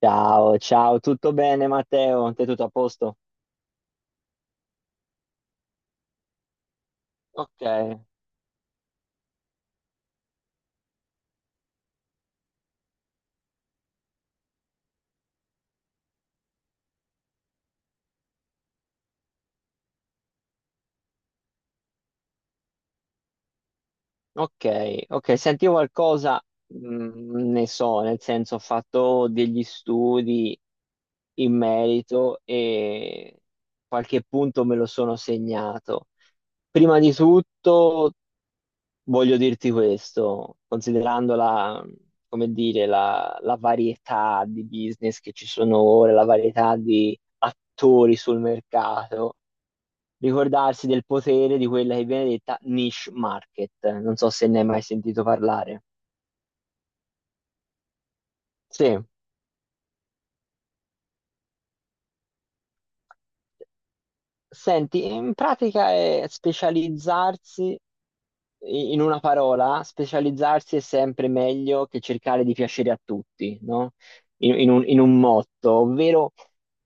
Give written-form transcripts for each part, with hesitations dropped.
Ciao, ciao, tutto bene Matteo? Te tutto a posto? Ok, ok, sentivo qualcosa, ne so, nel senso ho fatto degli studi in merito e qualche punto me lo sono segnato. Prima di tutto voglio dirti questo, considerando come dire, la varietà di business che ci sono ora, la varietà di attori sul mercato. Ricordarsi del potere di quella che viene detta niche market. Non so se ne hai mai sentito parlare. Sì, senti, in pratica è specializzarsi in una parola, specializzarsi è sempre meglio che cercare di piacere a tutti, no? In un motto, ovvero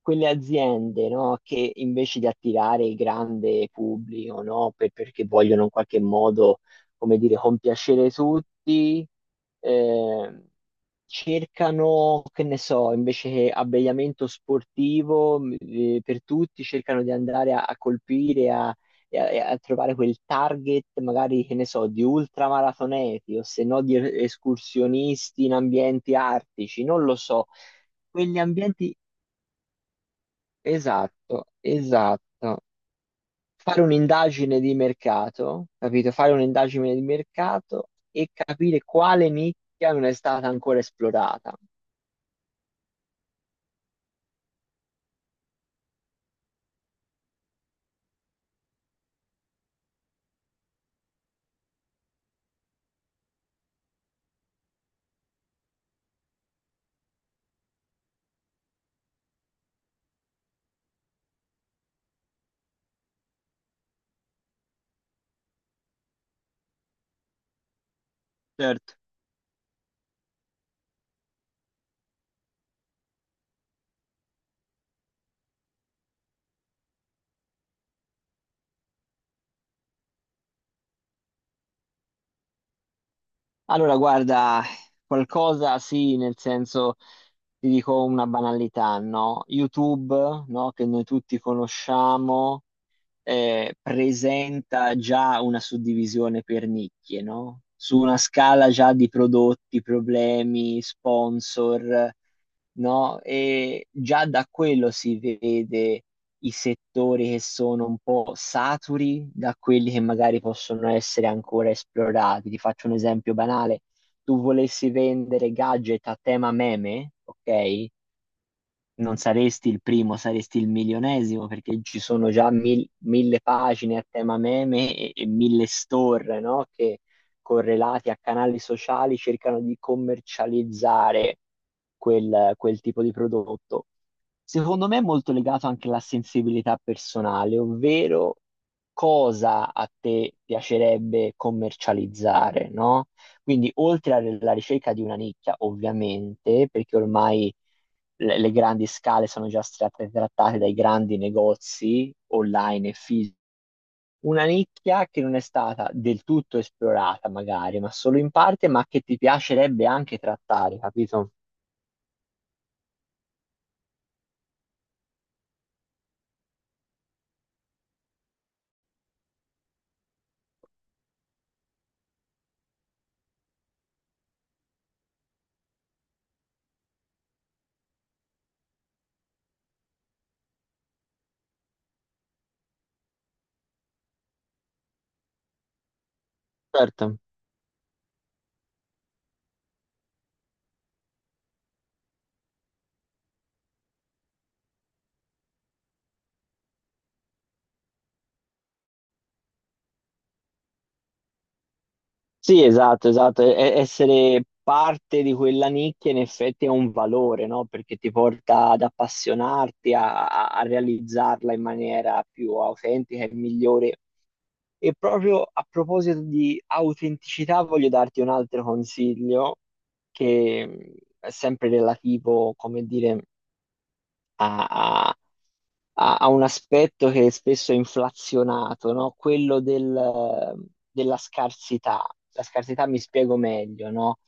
quelle aziende, no, che invece di attirare il grande pubblico, no, perché vogliono in qualche modo, come dire, compiacere tutti, eh, cercano, che ne so, invece che abbigliamento sportivo, per tutti, cercano di andare a colpire, a trovare quel target, magari, che ne so, di ultramaratoneti o se no di escursionisti in ambienti artici, non lo so. Quegli ambienti, esatto, esatto. Fare un'indagine di mercato, capito? Fare un'indagine di mercato e capire quale nicchia non è stata ancora esplorata. Certo. Allora, guarda, qualcosa sì, nel senso ti dico una banalità, no? YouTube, no? Che noi tutti conosciamo, presenta già una suddivisione per nicchie, no? Su una scala già di prodotti, problemi, sponsor, no? E già da quello si vede i settori che sono un po' saturi da quelli che magari possono essere ancora esplorati. Ti faccio un esempio banale. Tu volessi vendere gadget a tema meme, ok? Non saresti il primo, saresti il milionesimo perché ci sono già mille pagine a tema meme e mille store, no? Che correlati a canali sociali cercano di commercializzare quel tipo di prodotto. Secondo me è molto legato anche alla sensibilità personale, ovvero cosa a te piacerebbe commercializzare, no? Quindi oltre alla ricerca di una nicchia, ovviamente, perché ormai le grandi scale sono già state trattate dai grandi negozi online e fisici. Una nicchia che non è stata del tutto esplorata, magari, ma solo in parte, ma che ti piacerebbe anche trattare, capito? Certo. Sì, esatto, esatto. Essere parte di quella nicchia in effetti è un valore, no? Perché ti porta ad appassionarti, a realizzarla in maniera più autentica e migliore. E proprio a proposito di autenticità, voglio darti un altro consiglio che è sempre relativo, come dire, a, a- a un aspetto che è spesso è inflazionato, no? Quello della scarsità. La scarsità, mi spiego meglio, no?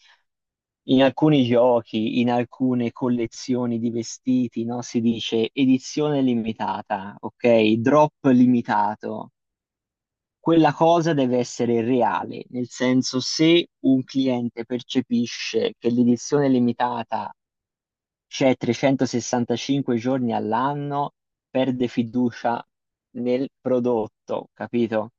In alcuni giochi, in alcune collezioni di vestiti, no? Si dice edizione limitata, ok? Drop limitato, quella cosa deve essere reale, nel senso se un cliente percepisce che l'edizione limitata c'è 365 giorni all'anno, perde fiducia nel prodotto, capito?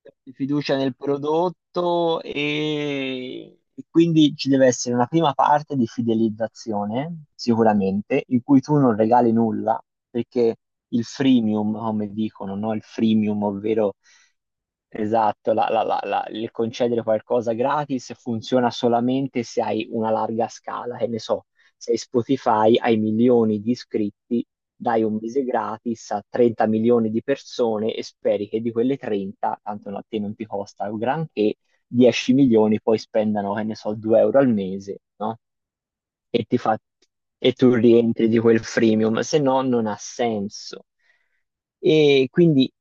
Perde fiducia nel prodotto e quindi ci deve essere una prima parte di fidelizzazione, sicuramente, in cui tu non regali nulla, perché il freemium, come dicono, no? Il freemium, ovvero, esatto, il concedere qualcosa gratis funziona solamente se hai una larga scala, che ne so, se Spotify hai milioni di iscritti, dai un mese gratis a 30 milioni di persone e speri che di quelle 30, tanto no, a te non ti costa un granché, 10 milioni poi spendano, che ne so, 2 euro al mese, no? E ti fa- e tu rientri di quel freemium, se no non ha senso. E quindi,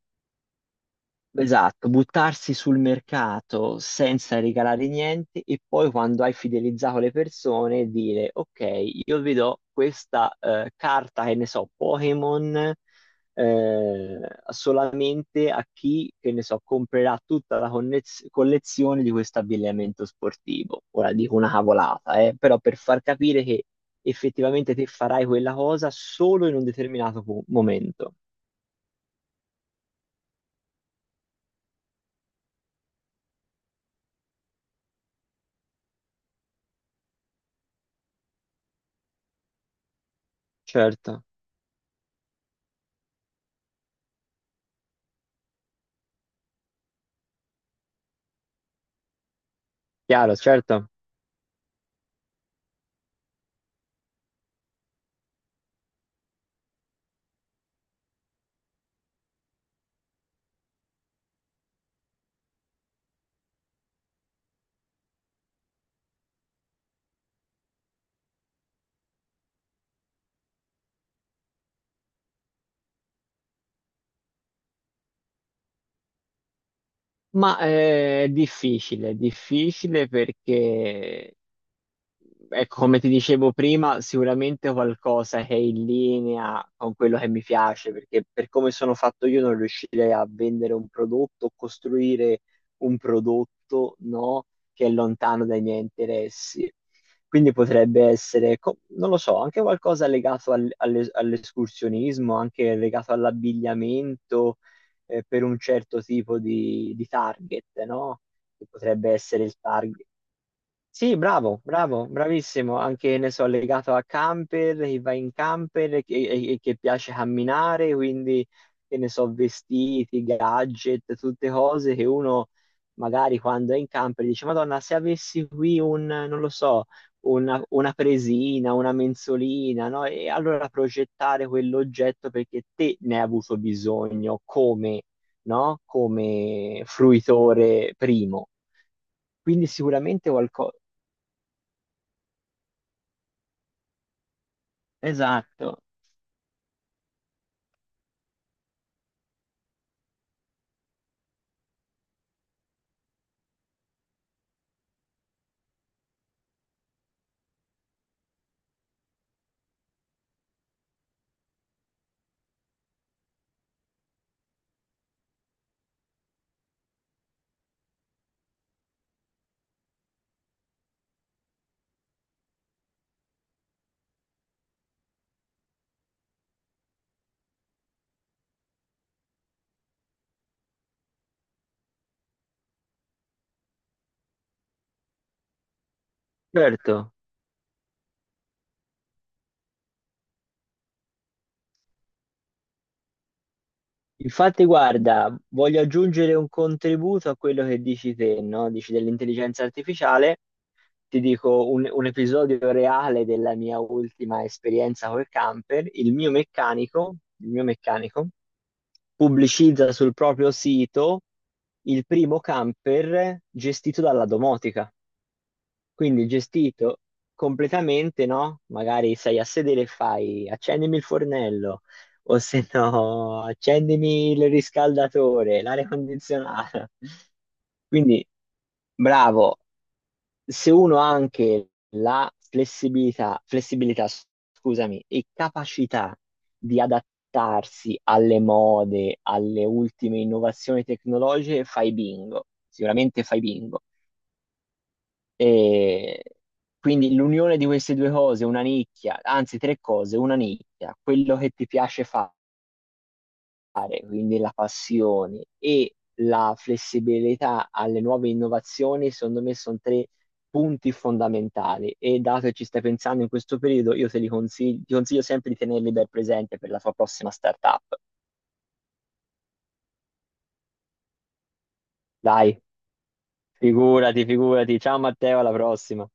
esatto, buttarsi sul mercato senza regalare niente e poi quando hai fidelizzato le persone dire ok, io vi do questa carta, che ne so, Pokémon, eh, solamente a chi, che ne so, comprerà tutta la collezione di questo abbigliamento sportivo. Ora dico una cavolata, però per far capire che effettivamente te farai quella cosa solo in un determinato momento. Certo, chiaro, certo. Ma è difficile perché ecco, come ti dicevo prima, sicuramente qualcosa che è in linea con quello che mi piace, perché per come sono fatto io non riuscirei a vendere un prodotto, costruire un prodotto, no, che è lontano dai miei interessi. Quindi potrebbe essere, non lo so, anche qualcosa legato all'escursionismo, anche legato all'abbigliamento, per un certo tipo di target, no? Che potrebbe essere il target sì, bravo, bravo, bravissimo. Anche, ne so, legato a camper, che va in camper e che piace camminare, quindi, che ne so, vestiti, gadget, tutte cose che uno magari quando è in camper dice, Madonna, se avessi qui un, non lo so, una presina, una mensolina, no? E allora progettare quell'oggetto perché te ne hai avuto bisogno come, no? Come fruitore primo. Quindi sicuramente qualcosa, esatto, certo. Infatti, guarda, voglio aggiungere un contributo a quello che dici te, no? Dici dell'intelligenza artificiale. Ti dico un episodio reale della mia ultima esperienza col camper. Il mio meccanico pubblicizza sul proprio sito il primo camper gestito dalla domotica. Quindi gestito completamente, no? Magari sei a sedere e fai accendimi il fornello, o se no, accendimi il riscaldatore, l'aria condizionata. Quindi, bravo, se uno ha anche la flessibilità, scusami, e capacità di adattarsi alle mode, alle ultime innovazioni tecnologiche, fai bingo, sicuramente fai bingo. E quindi l'unione di queste due cose, una nicchia, anzi tre cose, una nicchia, quello che ti piace fare, quindi la passione e la flessibilità alle nuove innovazioni, secondo me sono tre punti fondamentali e dato che ci stai pensando in questo periodo, io te li consiglio, ti consiglio sempre di tenerli ben presente per la tua prossima startup. Dai, figurati, figurati. Ciao Matteo, alla prossima.